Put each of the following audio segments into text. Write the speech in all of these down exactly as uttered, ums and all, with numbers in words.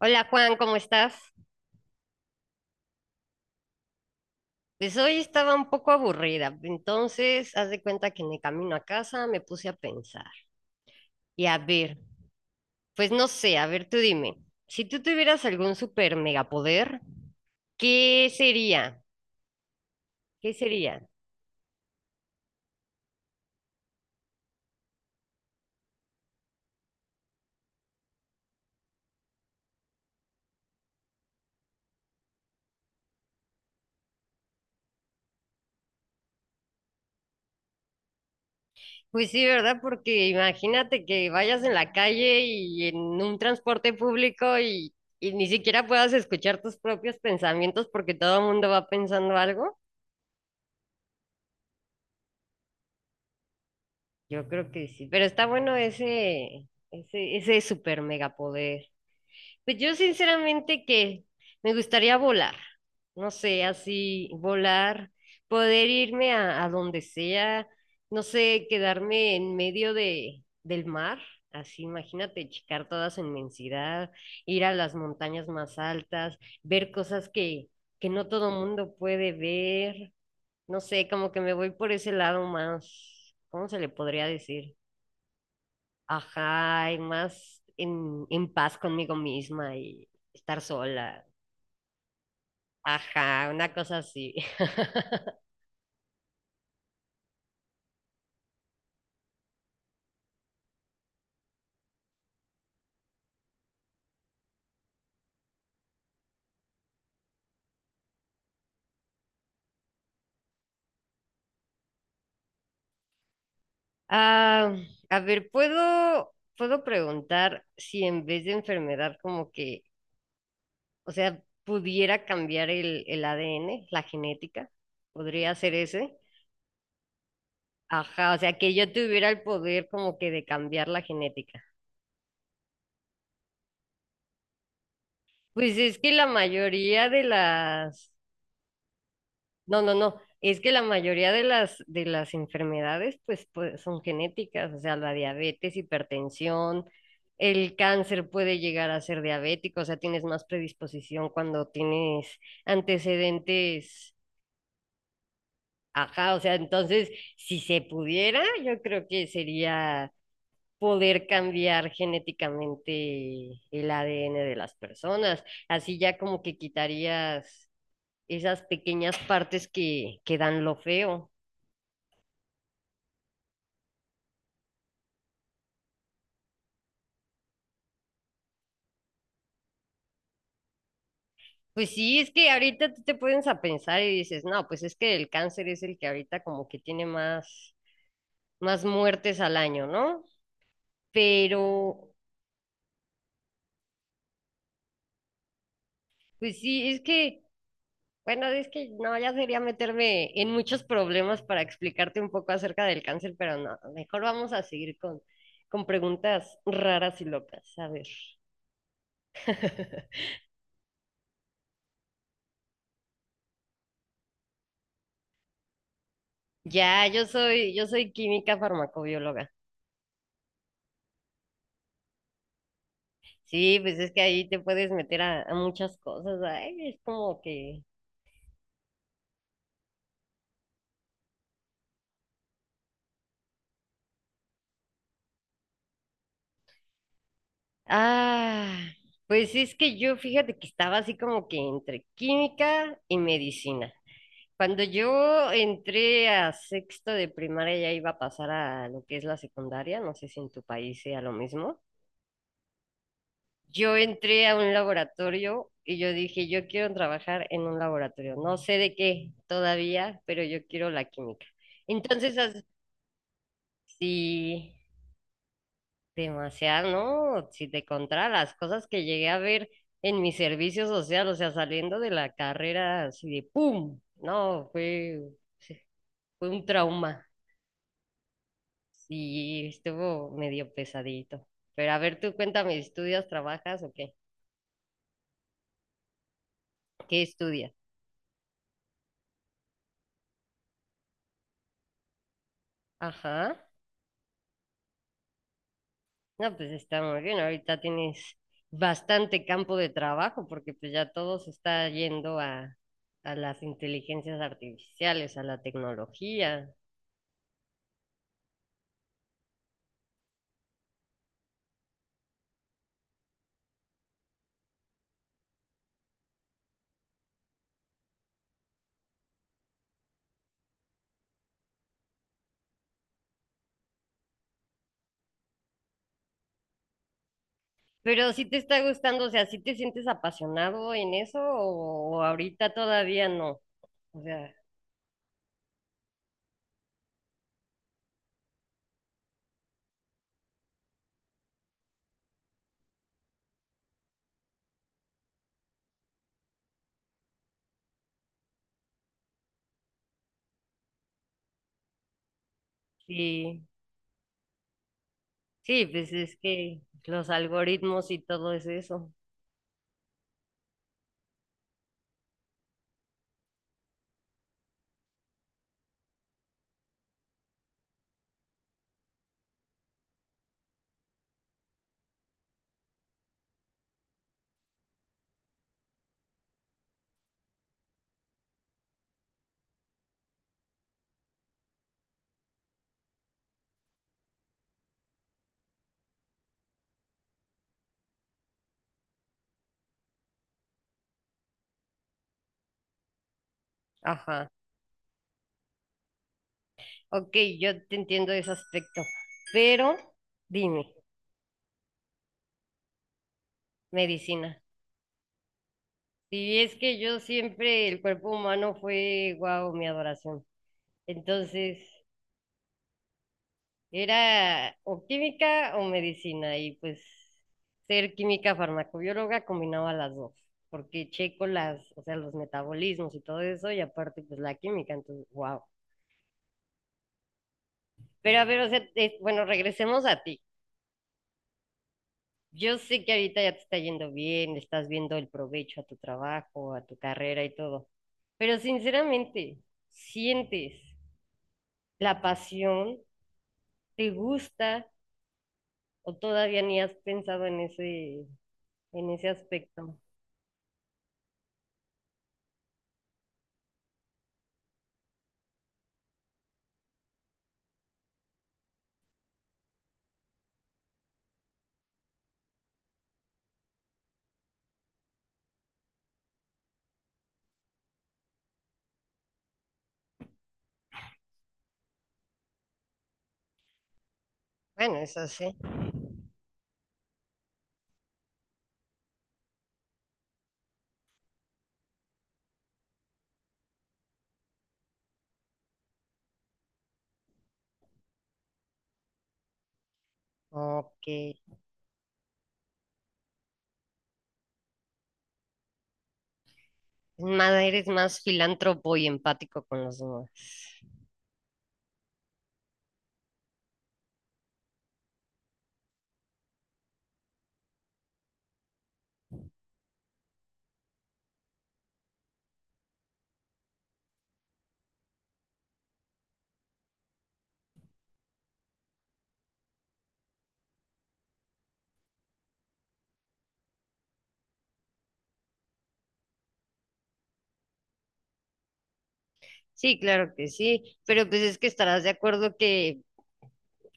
Hola Juan, ¿cómo estás? Pues hoy estaba un poco aburrida, entonces haz de cuenta que en el camino a casa me puse a pensar. Y a ver, pues no sé, a ver tú dime, si tú tuvieras algún super megapoder, ¿qué sería? ¿Qué sería? Pues sí, ¿verdad? Porque imagínate que vayas en la calle y en un transporte público y, y ni siquiera puedas escuchar tus propios pensamientos porque todo el mundo va pensando algo. Yo creo que sí, pero está bueno ese, ese, ese super megapoder. Pues yo sinceramente que me gustaría volar, no sé, así volar, poder irme a, a donde sea, no sé, quedarme en medio de, del mar, así imagínate, checar toda su inmensidad, ir a las montañas más altas, ver cosas que, que no todo mundo puede ver, no sé, como que me voy por ese lado más, ¿cómo se le podría decir? Ajá, y más en, en paz conmigo misma y estar sola. Ajá, una cosa así. Ah, a ver, ¿puedo, ¿puedo preguntar si en vez de enfermedad como que, o sea, pudiera cambiar el, el A D N, la genética? ¿Podría ser ese? Ajá, o sea, que yo tuviera el poder como que de cambiar la genética. Pues es que la mayoría de las. No, no, no. Es que la mayoría de las, de las enfermedades pues, pues, son genéticas, o sea, la diabetes, hipertensión, el cáncer puede llegar a ser diabético, o sea, tienes más predisposición cuando tienes antecedentes, ajá, o sea, entonces, si se pudiera, yo creo que sería poder cambiar genéticamente el A D N de las personas, así ya como que quitarías esas pequeñas partes que, que dan lo feo. Pues sí, es que ahorita tú te pones a pensar y dices, no, pues es que el cáncer es el que ahorita como que tiene más, más muertes al año, ¿no? Pero, pues sí, es que, bueno, es que no, ya sería meterme en muchos problemas para explicarte un poco acerca del cáncer, pero no, mejor vamos a seguir con, con preguntas raras y locas. A ver. Ya, yo soy, yo soy química farmacobióloga. Sí, pues es que ahí te puedes meter a, a muchas cosas. Ay, es como que. Ah, pues sí, es que yo fíjate que estaba así como que entre química y medicina. Cuando yo entré a sexto de primaria ya iba a pasar a lo que es la secundaria, no sé si en tu país sea lo mismo. Yo entré a un laboratorio y yo dije, yo quiero trabajar en un laboratorio, no sé de qué todavía, pero yo quiero la química. Entonces, as- sí. Demasiado, ¿no? Si te contara las cosas que llegué a ver en mi servicio social, o sea, saliendo de la carrera así de ¡pum! No, fue, sí, fue un trauma. Sí, estuvo medio pesadito. Pero a ver, tú cuéntame, ¿estudias, trabajas o qué? ¿Qué estudias? Ajá. No, pues está muy bien. Ahorita tienes bastante campo de trabajo porque pues ya todo se está yendo a, a las inteligencias artificiales, a la tecnología. Pero si te está gustando, o sea, si te sientes apasionado en eso o, ¿o ahorita todavía no? O sea, sí, sí, pues es que los algoritmos y todo es eso. Ajá. Ok, yo te entiendo ese aspecto. Pero dime, medicina. Si es que yo siempre, el cuerpo humano fue, wow, mi adoración. Entonces, era o química o medicina y pues ser química farmacobióloga combinaba las dos, porque checo las, o sea, los metabolismos y todo eso y aparte pues la química, entonces, wow. Pero a ver, o sea, eh, bueno, regresemos a ti. Yo sé que ahorita ya te está yendo bien, le estás viendo el provecho a tu trabajo, a tu carrera y todo, pero sinceramente, ¿sientes la pasión? ¿Te gusta o todavía ni has pensado en ese, en ese aspecto? Bueno, eso sí. Ok. Es. Más, eres más filántropo y empático con los demás. Sí, claro que sí. Pero pues es que estarás de acuerdo que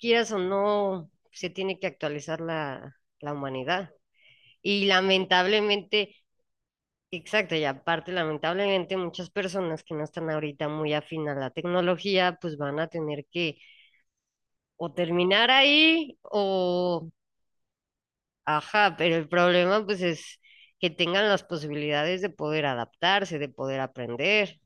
quieras o no, se tiene que actualizar la, la humanidad. Y lamentablemente, exacto, y aparte, lamentablemente muchas personas que no están ahorita muy afín a la tecnología, pues van a tener que o terminar ahí o. Ajá, pero el problema pues es que tengan las posibilidades de poder adaptarse, de poder aprender,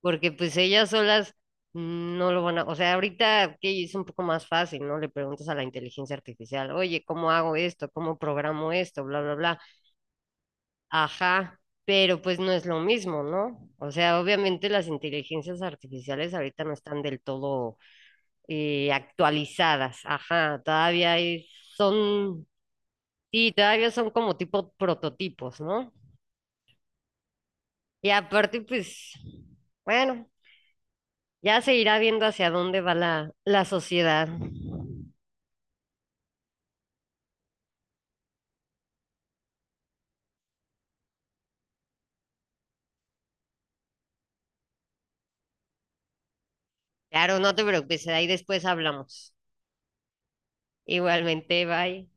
porque pues ellas solas no lo van a, o sea, ahorita que es un poco más fácil, ¿no? Le preguntas a la inteligencia artificial, oye, ¿cómo hago esto? ¿Cómo programo esto? Bla, bla, bla. Ajá, pero pues no es lo mismo, ¿no? O sea, obviamente las inteligencias artificiales ahorita no están del todo eh, actualizadas, ajá, todavía hay- son. Y todavía son como tipo prototipos, ¿no? Y aparte, pues, bueno, ya se irá viendo hacia dónde va la, la sociedad. Claro, no te preocupes, ahí después hablamos. Igualmente, bye.